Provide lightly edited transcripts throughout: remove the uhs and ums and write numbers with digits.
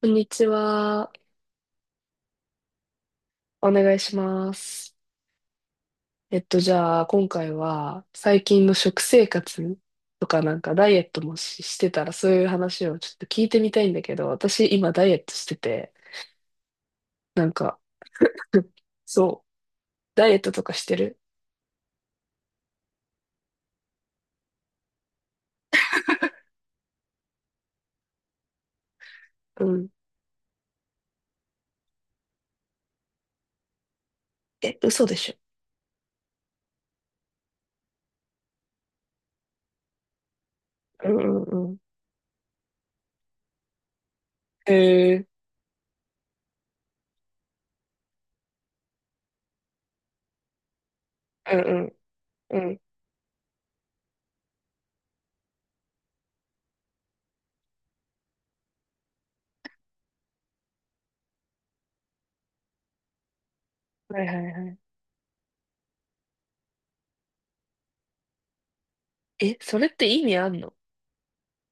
こんにちは。お願いします。えっと、じゃあ、今回は、最近の食生活とか、ダイエットしてたら、そういう話をちょっと聞いてみたいんだけど、私、今、ダイエットしてて、なんか、そう、ダイエットとかしてる。うん。え、嘘でしょ。うんうんうん。へえ、うんうんうん。はいはいはい。え、それって意味あんの？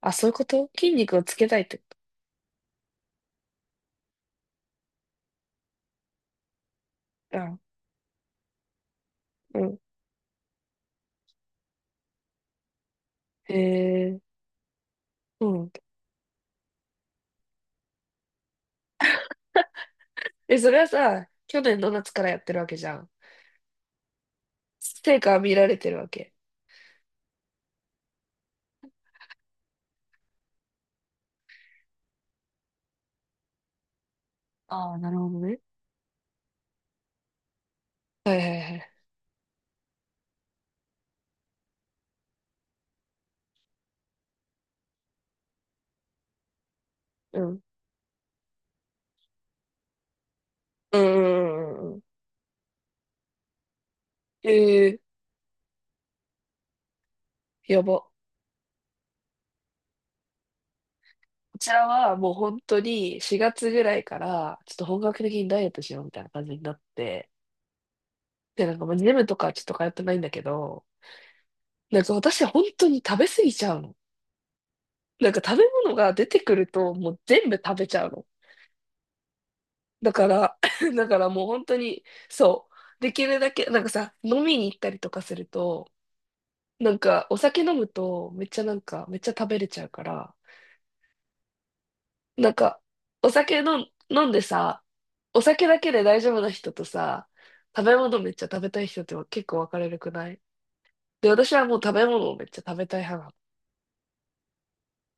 あ、そういうこと、筋肉をつけたいってこと。あ、うん。へえ、うん。え、それはさ、去年の夏からやってるわけじゃん。成果は見られてるわけ？ああ、なるほどね。はいはいはい。うん。うんうんうんうんうん。ええーやば。こちらはもう本当に4月ぐらいから、ちょっと本格的にダイエットしようみたいな感じになって、で、まあジムとかはちょっと通ってないんだけど、なんか私本当に食べ過ぎちゃうの。なんか食べ物が出てくるともう全部食べちゃうの。だから、だからもう本当に、そう。できるだけ、なんかさ、飲みに行ったりとかすると、なんか、お酒飲むと、めっちゃなんか、めっちゃ食べれちゃうから、なんか、お酒飲んでさ、お酒だけで大丈夫な人とさ、食べ物めっちゃ食べたい人って結構分かれるくない？で、私はもう食べ物をめっちゃ食べたい派なの。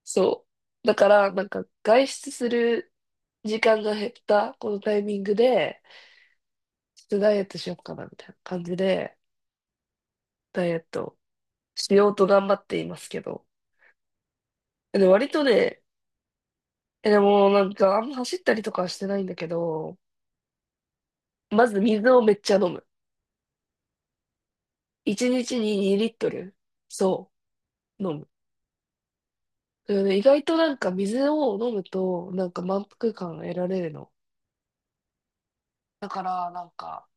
そう。だから、なんか、外出する時間が減った、このタイミングで、ちょっとダイエットしようかな、みたいな感じで、ダイエットしようと頑張っていますけど。で、割とね、え、でもなんかあんま走ったりとかはしてないんだけど、まず水をめっちゃ飲む。1日に2リットル。そう、飲む。それで意外となんか水を飲むとなんか満腹感得られるの。だからなんか、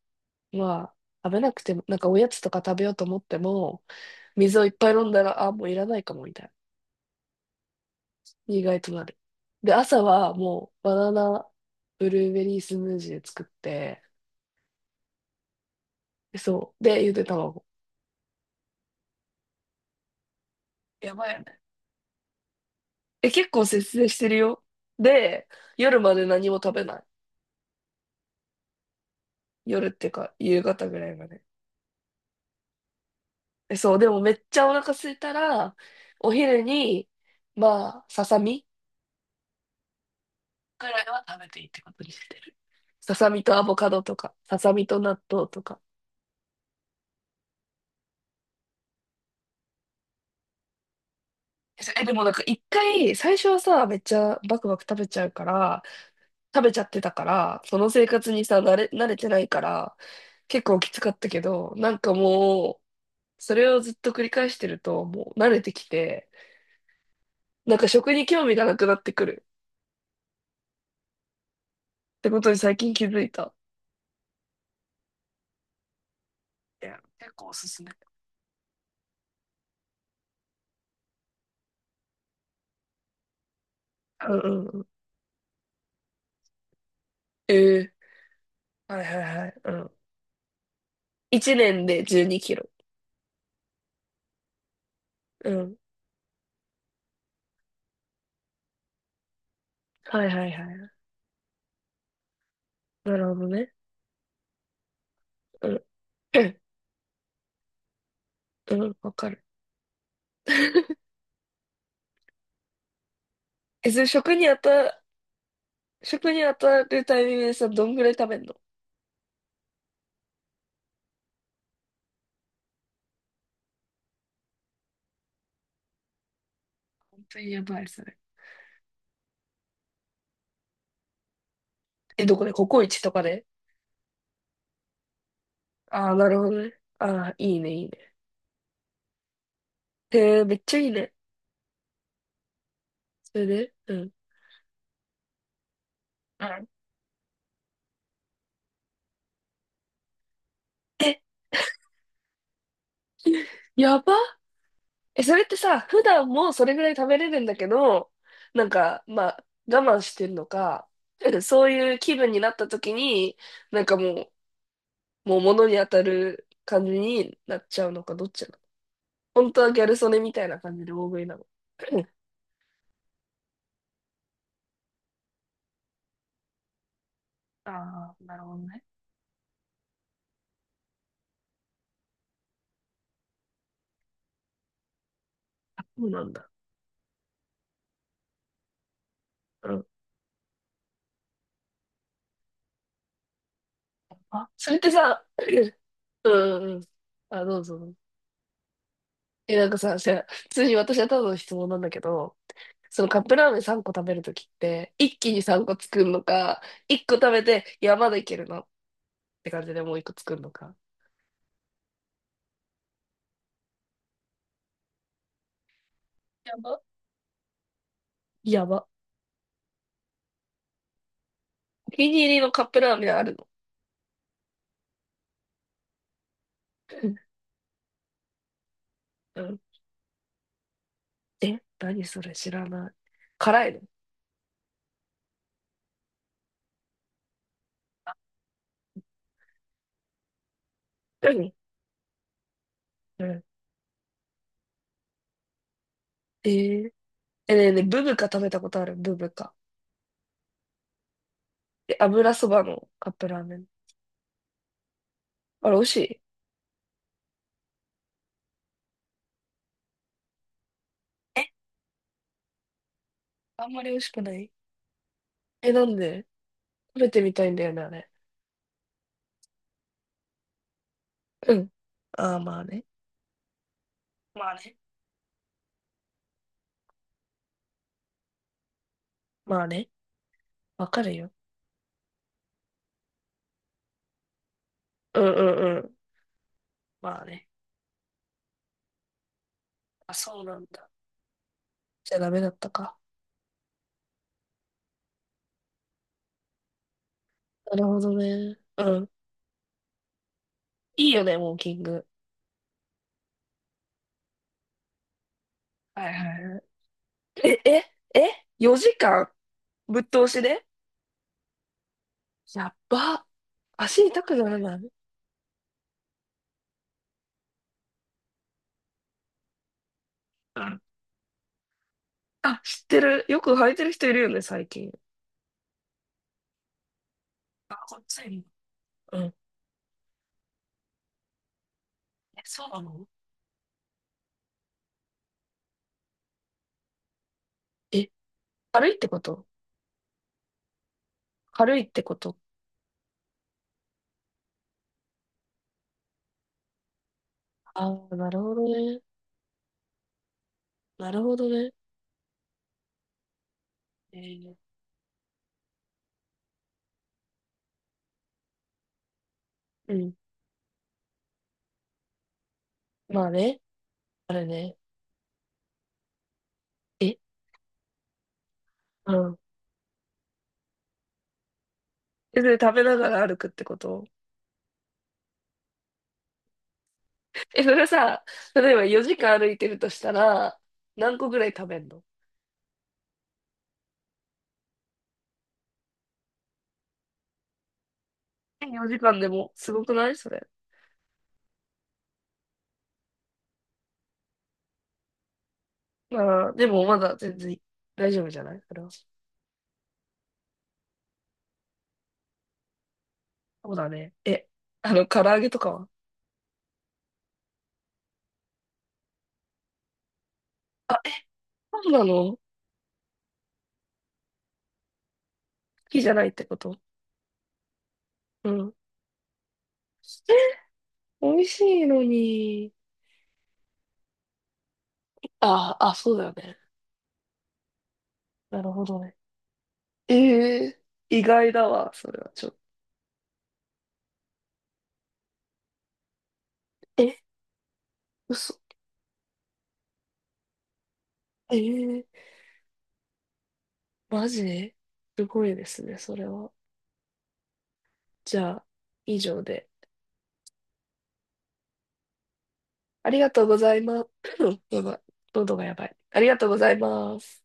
まあ、食べなくても、なんかおやつとか食べようと思っても、水をいっぱい飲んだら、あ、もういらないかもみたいな。意外となる。で、朝はもうバナナブルーベリースムージー作って、そう。で、ゆで卵。やばいよね。え、結構節制してるよ。で、夜まで何も食べない。夜っていうか、夕方ぐらいまで。え、そう、でもめっちゃお腹空いたら、お昼に、まあ、ささみぐらいは食べていいってことにしてる。ささみとアボカドとか、ささみと納豆とか。え、でもなんか一回、最初はさ、めっちゃバクバク食べちゃうから、食べちゃってたから、その生活にさ、慣れてないから、結構きつかったけど、なんかもう、それをずっと繰り返してると、もう慣れてきて、なんか食に興味がなくなってくるってことに最近気づいた。いや、結構おすすめ。うんうんうん。ええ、はいはいはい。うん。1年で12キロ。うん。はいはいはい。なるほどね。うん。うん、わかる。え、それ食に当た、食に当たるタイミングでさ、どんぐらい食べんの？本当にやばい、それ。え、どこで？ココイチとかで？ああー、なるほどね。ああ、いいね、いいね。へえ、めっちゃいいね。それでうん。うん。え やば。え、それってさ、普段もそれぐらい食べれるんだけど、なんか、まあ、我慢してんのか、そういう気分になった時に、なんかもう、もう物に当たる感じになっちゃうのか、どっちなの？本当はギャル曽根みたいな感じで大食いなの？ああ、なるほどね。そうなんだ。うん。あ、それってさ、うんうんうん。あ、どうぞ。え、なんかさ、じゃあ普通に私はただの質問なんだけど、そのカップラーメン3個食べるときって、一気に3個作るのか、1個食べて、いや、まだいけるなって感じでもう1個作るのか。やば。やば。お気に入りのカップラーメンあるの？うん。え、何それ知らない。辛いの？何？うん。えー、え、ねえねえ、ブブカ食べたことある？ブブカ。え、油そばのカップラーメン。あれ、美味しい？え、あんまり美味しくない？え、なんで？食べてみたいんだよね、あれ。うん。ああ、まあね。まあね。まあね。わかるよ。うんうん、まあね。あ、そうなんだ。じゃあダメだったか。なるほどね。うん。いいよね、ウォーキング。はいはいはい。え、え、え、4時間ぶっ通しで？やっば。足痛くならない？うん。あ、知ってる。よく履いてる人いるよね、最近。あ、こっちに。うん。え、そうなの？え、軽いってこと？軽いってこと。ああー、なるほどね。なるほどね。えーうん。まあね。あれね。え、うん。え、で、食べながら歩くってこと？え、それさ、例えば4時間歩いてるとしたら、何個ぐらい食べんの？え、4時間でも、すごくないそれ？まあ、でもまだ全然大丈夫じゃないそれは。そうだね。え、あの、唐揚げとかは？そうなの？好きじゃないってこと？うん。え、美味しいのに。あ、あ、そうだよね。なるほどね。ええ、意外だわ、それはちょっと。え、嘘。ええマジ。すごいですね、それは。じゃあ、以上で。ありがとうございます。やばい。喉がやばい。ありがとうございます。